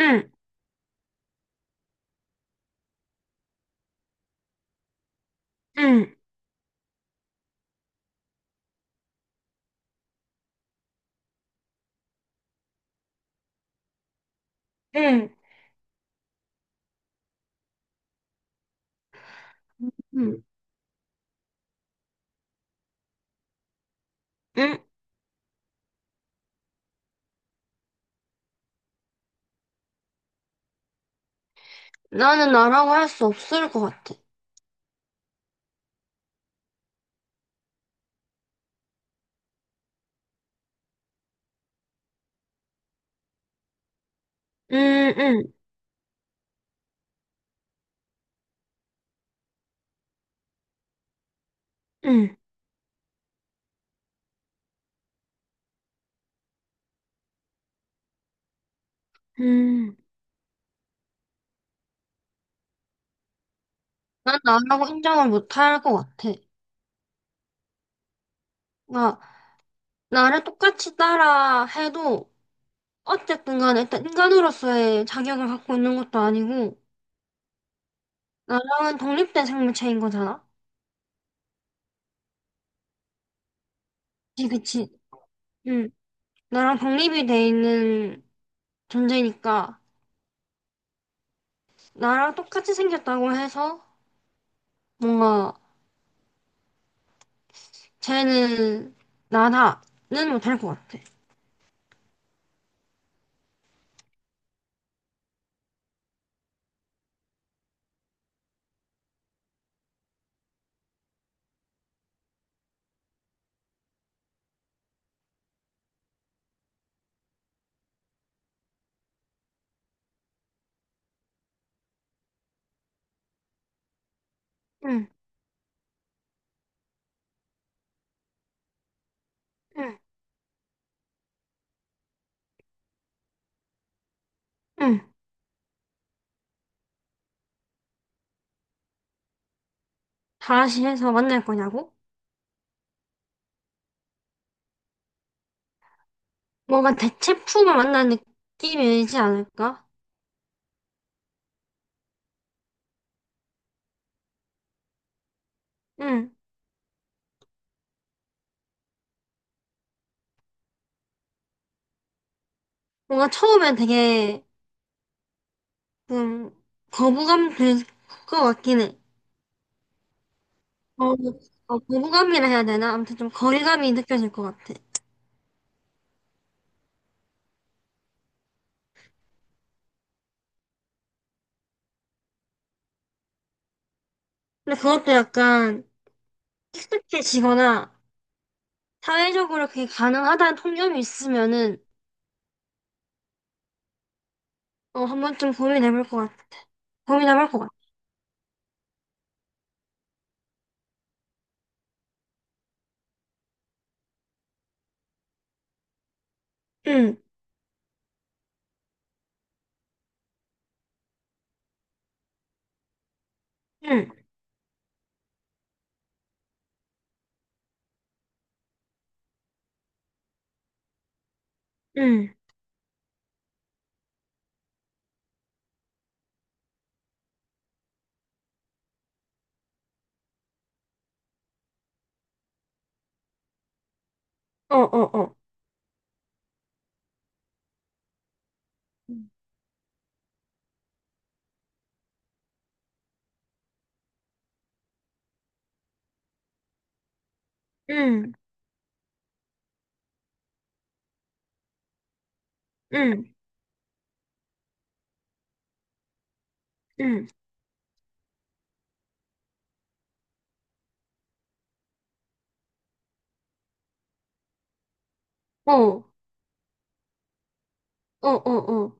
응, 응, 응, 응, 응. 나는 나라고 할 수 없을 것 같아. 응, 응, 응, 응. 난 나라고 인정을 못할 것 같아. 나, 나를 똑같이 따라 해도 어쨌든 간에 일단 인간으로서의 자격을 갖고 있는 것도 아니고 나랑은 독립된 생물체인 거잖아. 그치, 그치. 응. 나랑 독립이 돼 있는 존재니까 나랑 똑같이 생겼다고 해서 뭔가 쟤는 나라는 못할 것 같아. 응, 응, 응. 다시 해서 만날 거냐고? 뭔가 대체품을 만난 느낌이지 않을까? 응. 뭔가 처음엔 되게 좀 거부감 들 것 같긴 해. 어, 어, 거부감이라 해야 되나? 아무튼 좀 거리감이 느껴질 것 같아. 근데 그것도 약간 익숙해지거나 사회적으로 그게 가능하다는 통념이 있으면은 어, 한 번쯤 고민해볼 것 같아. 고민해볼 것 같아. 응, 응. 응, 어, 어, 어, 응, 응, 응, 어, 어, 어, 어,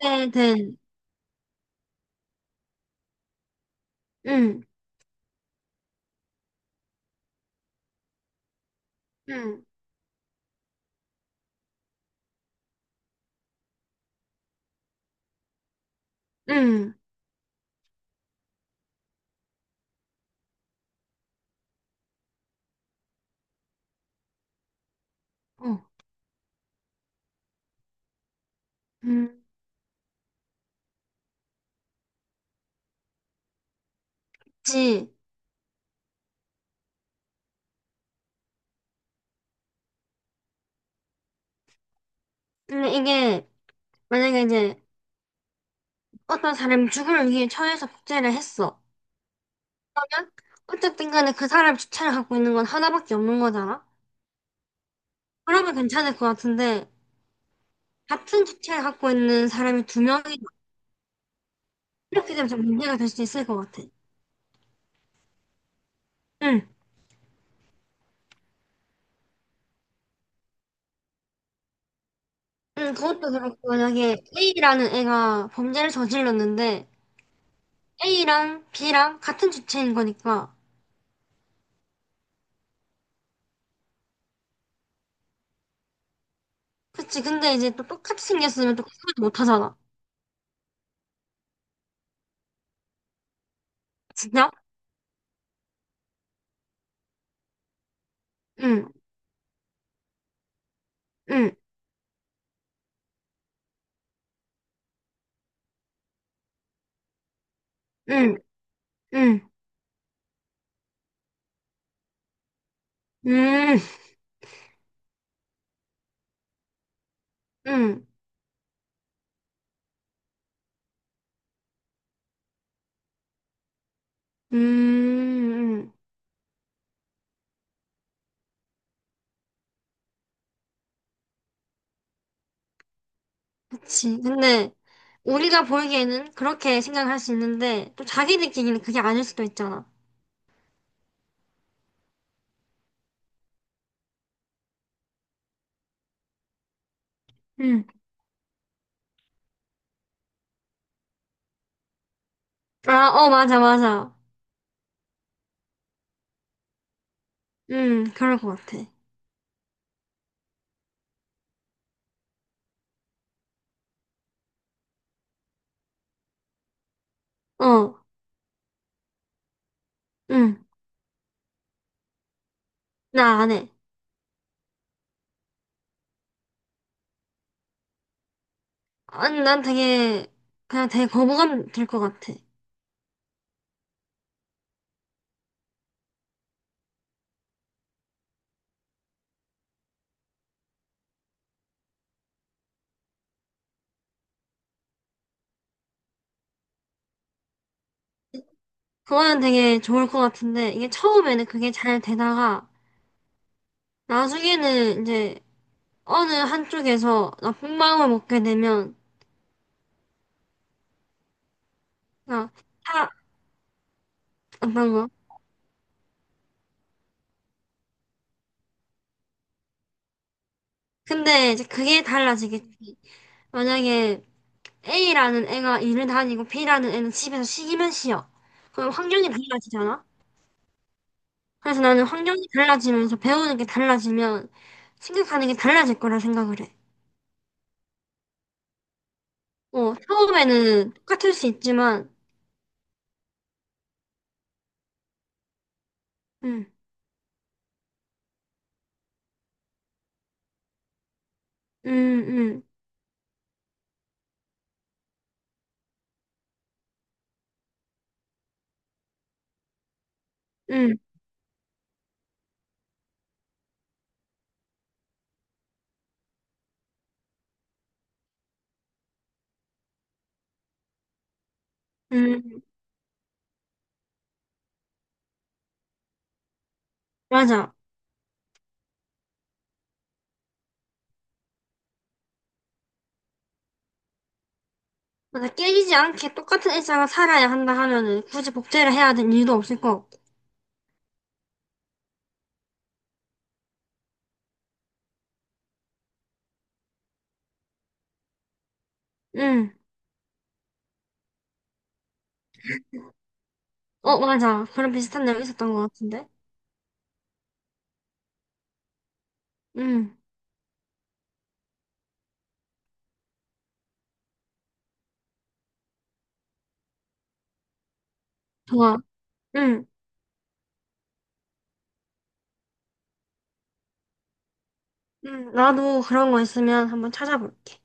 네, 응, 응, 응, 어, 응, 그치. 근데 이게, 만약에 이제, 어떤 사람이 죽음을 위해 처해서 복제를 했어. 그러면, 어쨌든 간에 그 사람 주체를 갖고 있는 건 하나밖에 없는 거잖아? 그러면 괜찮을 것 같은데, 같은 주체를 갖고 있는 사람이 두 명이, 이렇게 되면 좀 문제가 될 수 있을 것 같아. 응, 응, 그것도 그렇고, 만약에 A라는 애가 범죄를 저질렀는데, A랑 B랑 같은 주체인 거니까. 그치. 근데 이제 또 똑같이 생겼으면 또 구분 못 하잖아. 진짜? 응, 응, 응, 응, 응, 응, 응, 응. 그치. 근데 우리가 보기에는 그렇게 생각할 수 있는데 또 자기들끼리는 그게 아닐 수도 있잖아. 응. 아, 어, 맞아, 맞아. 응, 그럴 것 같아. 어, 응. 나 안 해. 아니, 난 되게, 그냥 되게 거부감 들 것 같아. 그거는 되게 좋을 것 같은데, 이게 처음에는 그게 잘 되다가, 나중에는 이제 어느 한쪽에서 나쁜 마음을 먹게 되면, 그냥 다, 어떤 거. 근데 이제 그게 달라지겠지. 만약에 A라는 애가 일을 다니고 B라는 애는 집에서 쉬기만 쉬어. 그럼 환경이 달라지잖아? 그래서 나는 환경이 달라지면서 배우는 게 달라지면 생각하는 게 달라질 거라 생각을 해. 어, 처음에는 똑같을 수 있지만, 음, 음, 음, 음. 음. 음. 맞아. 맞아. 깨지지 않게 똑같은 일상을 살아야 한다 하면은 굳이 복제를 해야 될 이유도 없을 것 같고. 응. 어, 맞아. 그런 비슷한 내용 있었던 것 같은데? 응. 좋아. 응. 응. 나도 그런 거 있으면 한번 찾아볼게.